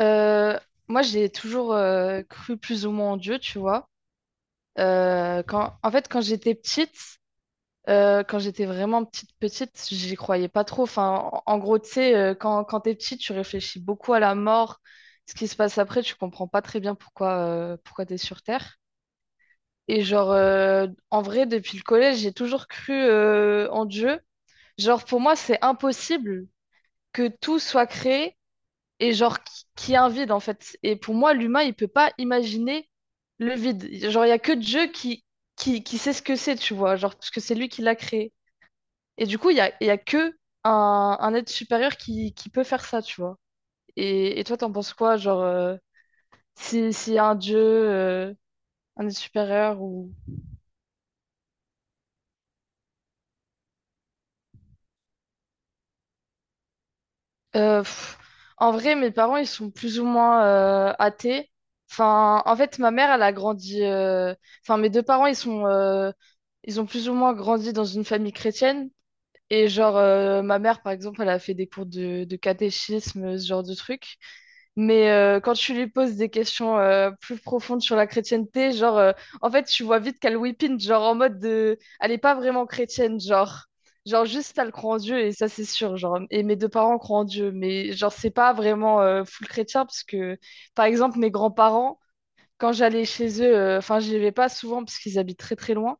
Euh, Moi, j'ai toujours cru plus ou moins en Dieu, tu vois. En fait, quand j'étais petite, quand j'étais vraiment petite, petite, j'y croyais pas trop. Enfin, en gros, tu sais, quand t'es petite, tu réfléchis beaucoup à la mort, ce qui se passe après, tu comprends pas très bien pourquoi t'es sur Terre. Et genre, en vrai, depuis le collège, j'ai toujours cru en Dieu. Genre, pour moi, c'est impossible que tout soit créé et genre qui est un vide en fait. Et pour moi, l'humain, il peut pas imaginer le vide. Genre, il y a que Dieu qui sait ce que c'est, tu vois, genre, parce que c'est lui qui l'a créé. Et du coup, il y a que un être supérieur qui peut faire ça, tu vois. Et toi, t'en penses quoi, genre, si, s'il y a un Dieu, un être supérieur ou. Euh, pff, En vrai, mes parents, ils sont plus ou moins athées. Enfin, en fait, ma mère, elle a grandi. Enfin, mes deux parents, ils ont plus ou moins grandi dans une famille chrétienne. Et genre, ma mère, par exemple, elle a fait des cours de catéchisme, ce genre de truc. Mais quand tu lui poses des questions plus profondes sur la chrétienté, en fait, tu vois vite qu'elle whippine, genre en mode de, elle est pas vraiment chrétienne, genre, genre juste elle croit en Dieu et ça c'est sûr, genre, et mes deux parents croient en Dieu, mais genre c'est pas vraiment full chrétien parce que, par exemple, mes grands-parents, quand j'allais chez eux, enfin, j'y vais pas souvent parce qu'ils habitent très très loin,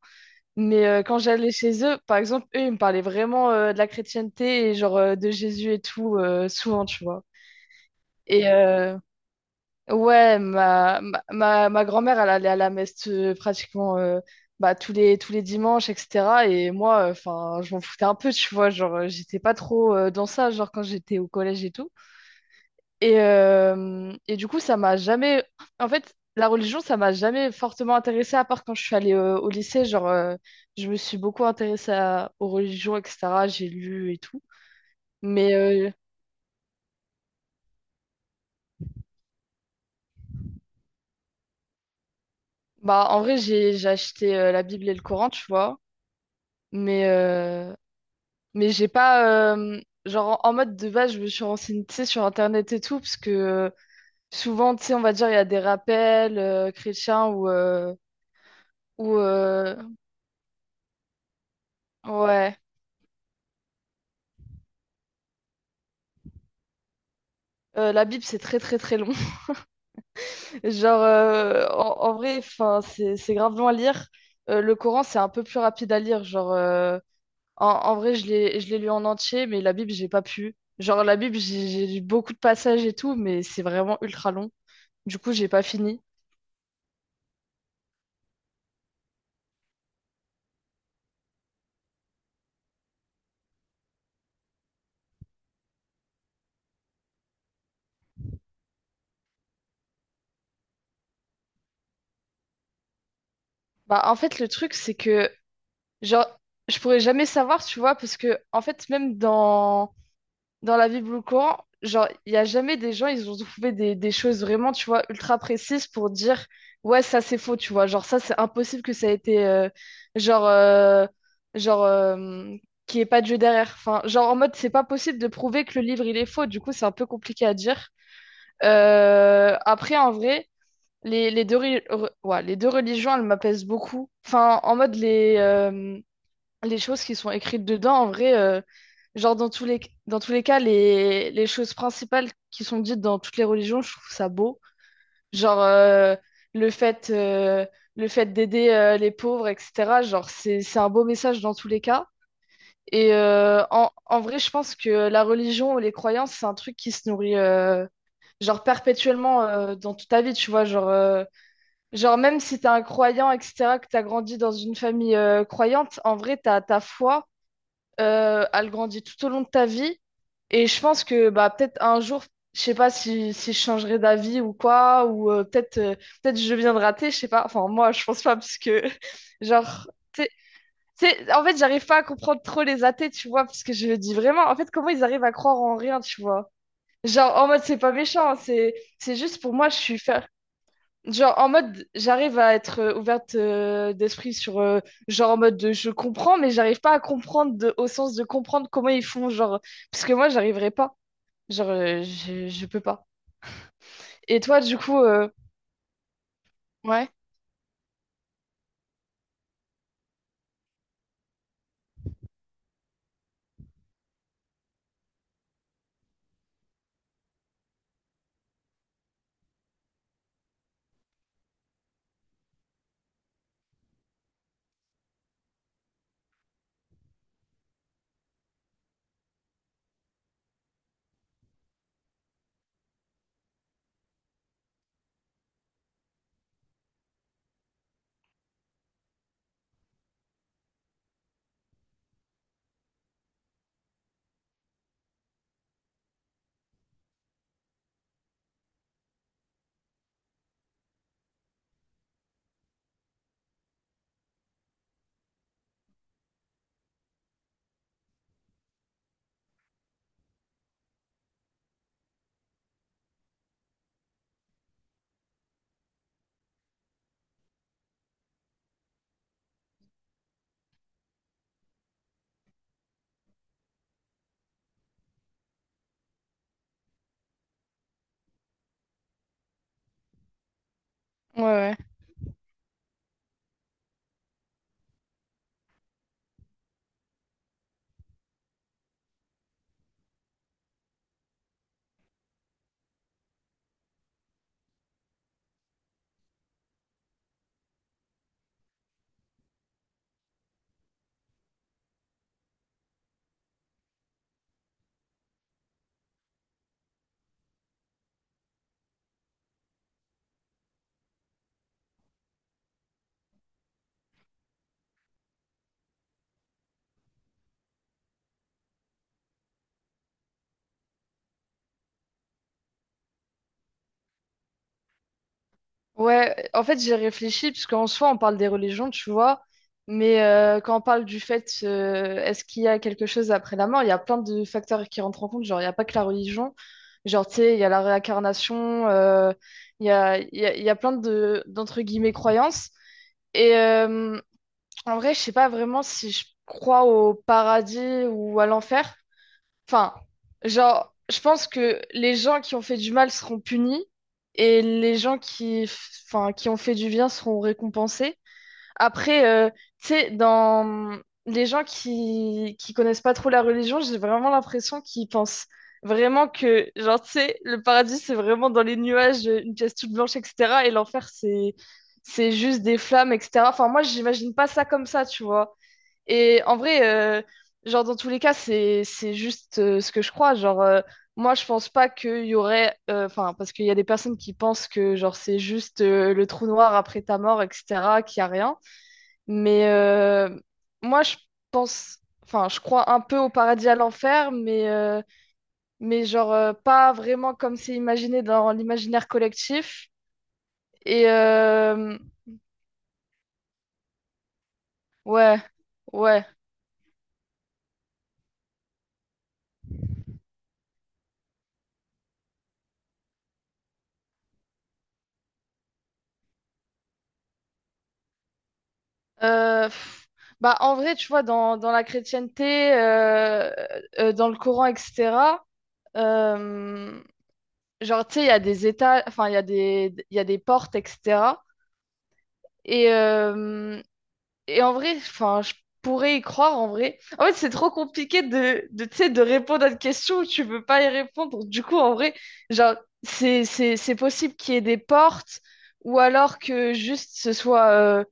mais quand j'allais chez eux, par exemple, eux, ils me parlaient vraiment de la chrétienté et de Jésus et tout, souvent, tu vois. Et, euh, Ouais, ma grand-mère, elle allait à la messe pratiquement bah, tous les dimanches, etc. Et moi, enfin, je m'en foutais un peu, tu vois. Genre, j'étais pas trop dans ça, genre quand j'étais au collège et tout. Et du coup, ça m'a jamais. En fait, la religion, ça m'a jamais fortement intéressée, à part quand je suis allée au lycée. Genre, je me suis beaucoup aux religions, etc. J'ai lu et tout. Mais en vrai, j'ai acheté la Bible et le Coran, tu vois. Mais. euh, Mais j'ai pas. Genre, en mode de base, je me suis renseignée, tu sais, sur Internet et tout, parce que souvent, tu sais, on va dire, il y a des rappels chrétiens ou. Ou ouais. La Bible, c'est très, très, très long. Genre, en vrai, enfin, c'est grave long à lire. Le Coran, c'est un peu plus rapide à lire. Genre, en vrai, je l'ai lu en entier, mais la Bible, j'ai pas pu. Genre, la Bible, j'ai lu beaucoup de passages et tout, mais c'est vraiment ultra long. Du coup, j'ai pas fini. Bah, en fait, le truc, c'est que Genre, je pourrais jamais savoir, tu vois, parce que, en fait, même dans la vie Blue Coran, genre, il n'y a jamais des gens, ils ont trouvé des choses vraiment, tu vois, ultra précises pour dire, ouais, ça c'est faux, tu vois, genre, ça c'est impossible que ça ait été, genre, euh, genre, euh, qu'il n'y ait pas de jeu derrière. Enfin, genre, en mode, c'est pas possible de prouver que le livre il est faux, du coup, c'est un peu compliqué à dire. Après, en vrai, les deux, ri- re- ouais, les deux religions, elles m'apaisent beaucoup. Enfin, en mode, les choses qui sont écrites dedans, en vrai, genre dans tous les cas, les choses principales qui sont dites dans toutes les religions, je trouve ça beau. Genre euh, le fait, euh, le fait d'aider les pauvres, etc. Genre c'est un beau message dans tous les cas. Et en vrai, je pense que la religion ou les croyances, c'est un truc qui se nourrit genre perpétuellement dans toute ta vie, tu vois. Genre, genre même si t'es un croyant, etc., que t'as grandi dans une famille croyante, en vrai, ta foi elle grandit tout au long de ta vie. Et je pense que bah, peut-être un jour, je sais pas si je changerai d'avis ou quoi, ou peut-être peut-être je viens de rater, je sais pas. Enfin, moi, je pense pas, parce que, genre, en fait, j'arrive pas à comprendre trop les athées, tu vois, parce que je me dis vraiment, en fait, comment ils arrivent à croire en rien, tu vois. Genre, en mode, c'est pas méchant, hein, c'est juste pour moi, je suis, genre en mode, j'arrive à être ouverte d'esprit sur, genre en mode, de, je comprends, mais j'arrive pas à comprendre au sens de comprendre comment ils font, genre, parce que moi, j'arriverai pas, genre, je peux pas. Et toi, du coup, ouais, ouais, ouais. Ouais, en fait, j'ai réfléchi, parce qu'en soi, on parle des religions, tu vois, mais quand on parle du fait, est-ce qu'il y a quelque chose après la mort, il y a plein de facteurs qui rentrent en compte, genre, il n'y a pas que la religion, genre, tu sais, il y a la réincarnation, il y a, il y a, il y a plein d'entre guillemets, croyances, et en vrai, je sais pas vraiment si je crois au paradis ou à l'enfer. Enfin, genre, je pense que les gens qui ont fait du mal seront punis et les gens qui, enfin, qui ont fait du bien seront récompensés. Après, tu sais, dans les gens qui connaissent pas trop la religion, j'ai vraiment l'impression qu'ils pensent vraiment que, genre, tu sais, le paradis, c'est vraiment dans les nuages, une pièce toute blanche, etc. Et l'enfer, c'est juste des flammes, etc. Enfin, moi, j'imagine pas ça comme ça, tu vois. Et en vrai, genre dans tous les cas, c'est juste ce que je crois. Genre, moi, je pense pas qu'il y aurait, enfin, parce qu'il y a des personnes qui pensent que genre c'est juste le trou noir après ta mort, etc., qu'il y a rien. Mais moi, je pense, enfin, je crois un peu au paradis à l'enfer, pas vraiment comme c'est imaginé dans l'imaginaire collectif. Et ouais, ouais. Euh, pff, Bah, en vrai, tu vois, dans la chrétienté, dans le Coran, etc., euh, genre, tu sais, il y a des états, enfin, il y a des portes, etc. Et, euh, et en vrai, enfin, je pourrais y croire, en vrai. En fait, c'est trop compliqué tu sais, de répondre à une question où tu peux pas y répondre. Du coup, en vrai, genre, c'est possible qu'il y ait des portes ou alors que juste ce soit, euh,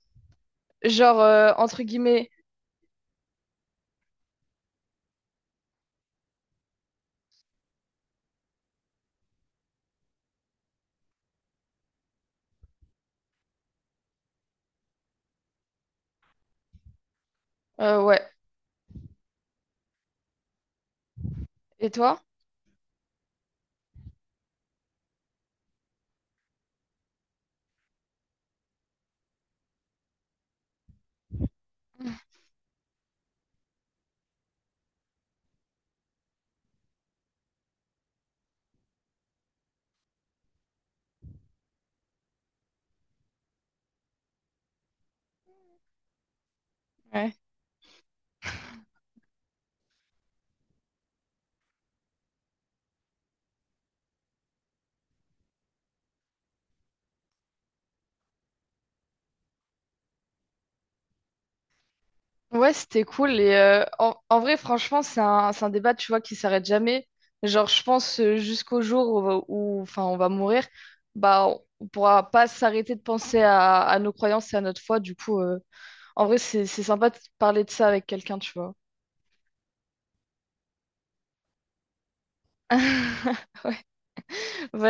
genre, euh, entre guillemets, ouais. Et toi? Ouais, ouais, c'était cool. Et en vrai, franchement, c'est un débat, tu vois, qui s'arrête jamais. Genre, je pense jusqu'au jour où, enfin, on va mourir, bah, on pourra pas s'arrêter de penser à nos croyances et à notre foi. Du coup, en vrai, c'est sympa de parler de ça avec quelqu'un, tu vois. Ouais. Vas-y.